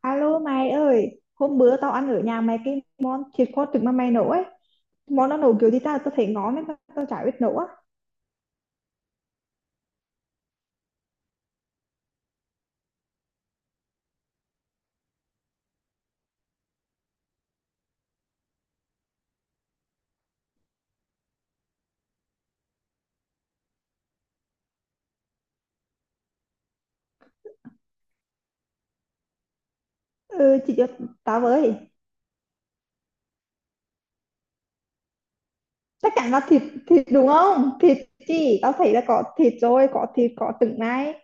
Alo mày ơi, hôm bữa tao ăn ở nhà mày cái món thịt kho trứng mà mày nấu ấy. Món nó nấu kiểu gì tao tao thấy ngon nên tao chả biết nấu á. Ừ, chị cho tao với. Chắc chắn là thịt thịt đúng không? Thịt chị, tao thấy là có thịt rồi, có thịt, có trứng này.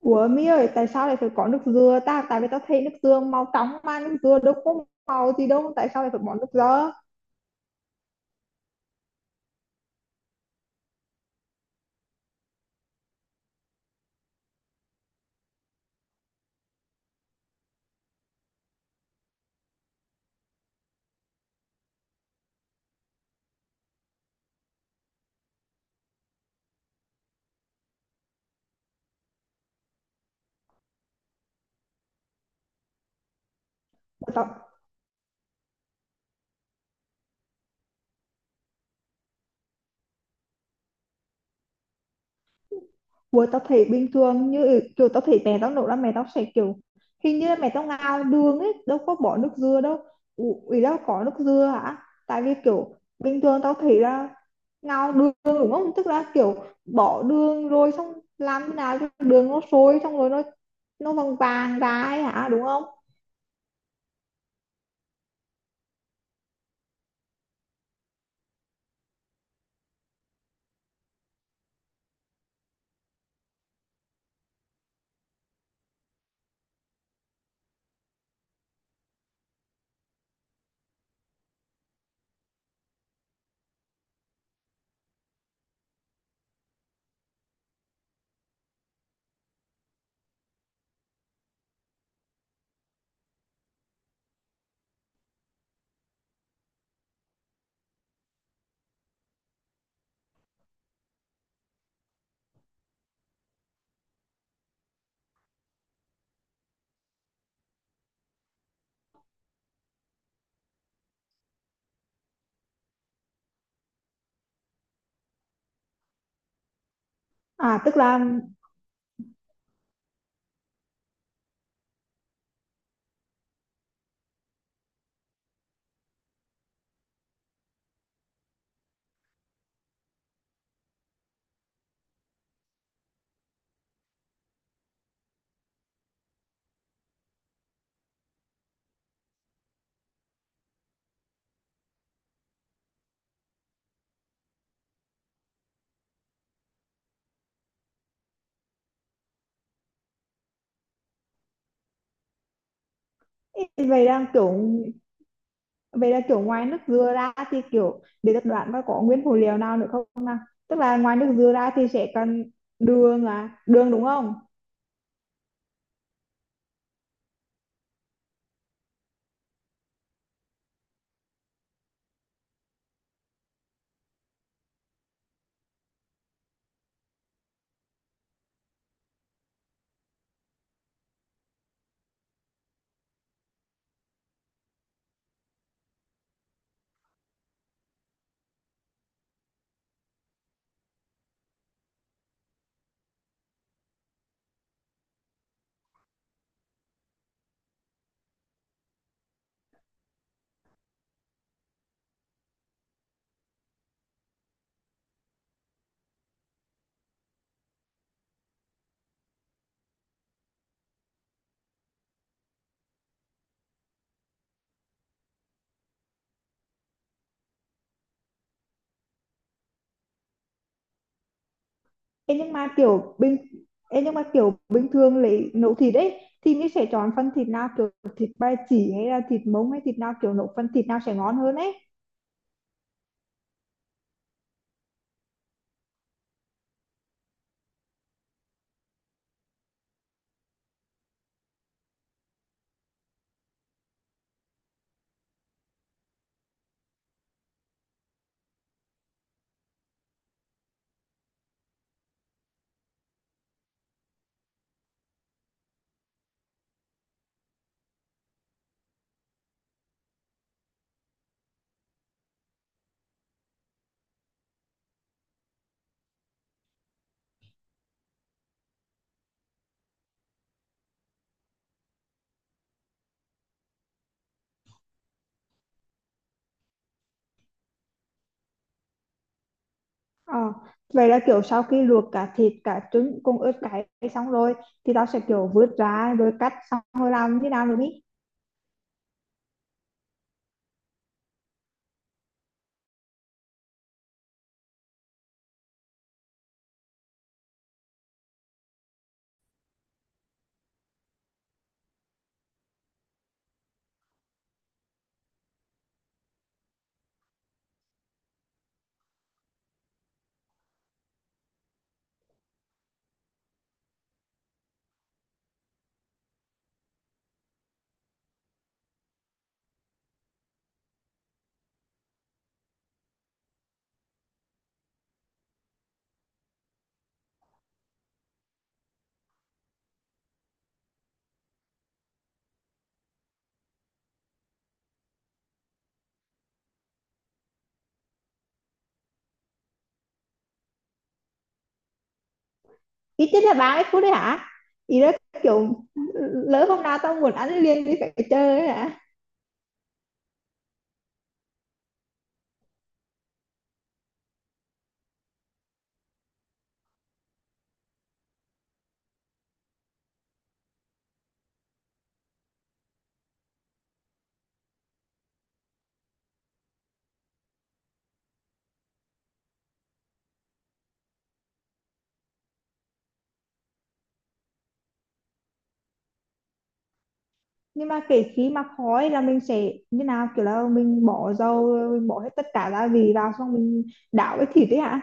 Ủa mi ơi, tại sao lại phải có nước dừa ta? Tại vì tao thấy nước dừa màu trắng mà nước dừa đâu có màu gì đâu, tại sao lại phải bỏ nước dừa? Buổi tao thấy bình thường như kiểu tao thấy mẹ tao nấu là mẹ tao sẽ kiểu hình như là mẹ tao ngào đường ấy đâu có bỏ nước dừa đâu. Ủa, ý là có nước dừa hả, tại vì kiểu bình thường tao thấy là ngào đường đúng không, tức là kiểu bỏ đường rồi xong làm thế nào cho đường nó sôi xong rồi nó vàng vàng ra ấy hả đúng không? à tức là Vậy là kiểu vậy là kiểu ngoài nước dừa ra thì kiểu để tập đoán có nguyên phụ liệu nào nữa không nào? Tức là ngoài nước dừa ra thì sẽ cần đường, à, đường đúng không? Ê, nhưng mà kiểu bình Ê, nhưng mà kiểu bình thường lấy nấu thịt ấy thì mình sẽ chọn phần thịt nào, kiểu thịt ba chỉ hay là thịt mông hay thịt nào, kiểu nấu phần thịt nào sẽ ngon hơn ấy. Ờ, vậy là kiểu sau khi luộc cả thịt cả trứng cùng ớt cay xong rồi thì tao sẽ kiểu vớt ra rồi cắt xong rồi làm thế nào nữa đi. Ít nhất là 30 phút đấy hả? Ý là kiểu lỡ hôm nào tao muốn ăn liền thì phải chơi ấy hả? Nhưng mà kể khi mà khói là mình sẽ như nào, kiểu là mình bỏ dầu mình bỏ hết tất cả gia vị vào xong mình đảo với thịt đấy hả?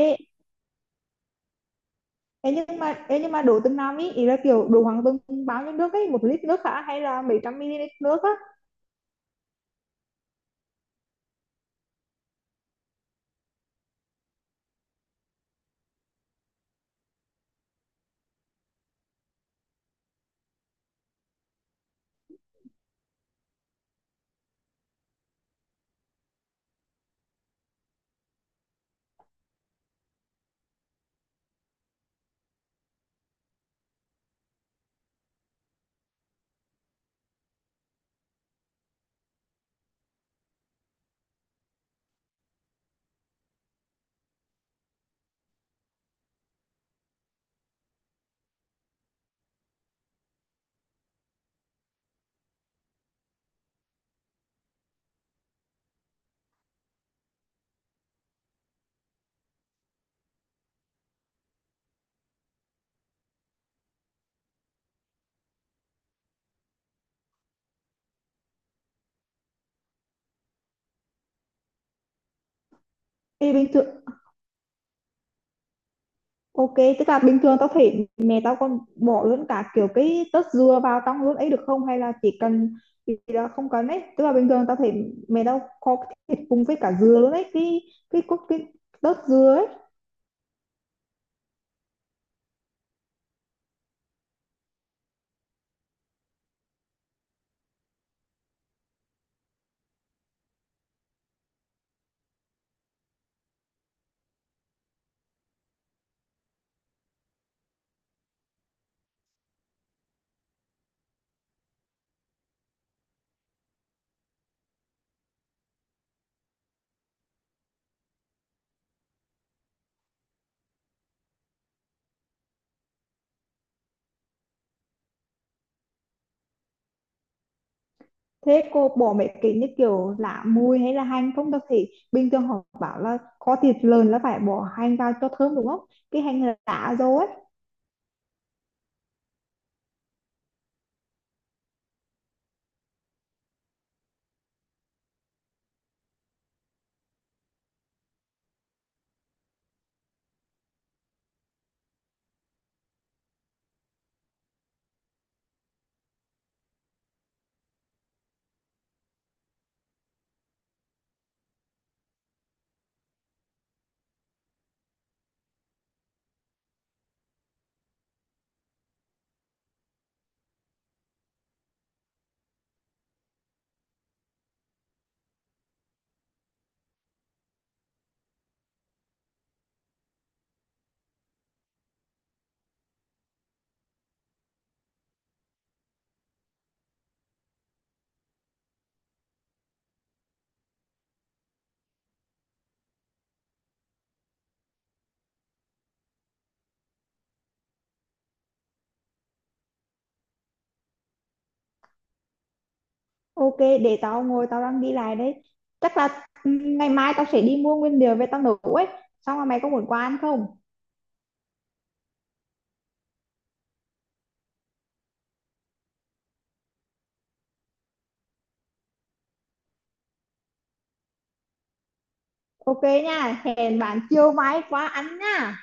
ê, Ê nhưng mà đổ từng nào, ý ý là kiểu đổ khoảng từng bao nhiêu nước ấy, một lít nước hả hay là mấy trăm ml nước á? Ê bình thường Ok, tức là bình thường tao thấy mẹ tao còn bỏ luôn cả kiểu cái tớt dừa vào trong luôn ấy được không? Hay là chỉ cần thì là không cần ấy. Tức là bình thường tao thấy mẹ tao kho cái thịt cùng với cả dừa luôn ấy, cái cốt cái tớt dừa ấy. Thế cô bỏ mấy cái như kiểu lạ mùi hay là hành không? Tao thấy bình thường họ bảo là kho thịt lợn là phải bỏ hành vào cho thơm đúng không? Cái hành là lá rồi ấy. Ok, để tao ngồi tao đang đi lại đây. Chắc là ừ, ngày mai tao sẽ đi mua nguyên liệu về tao nấu ấy. Xong rồi mày có muốn qua ăn không? Ok nha, hẹn bạn chiều mai qua ăn nha.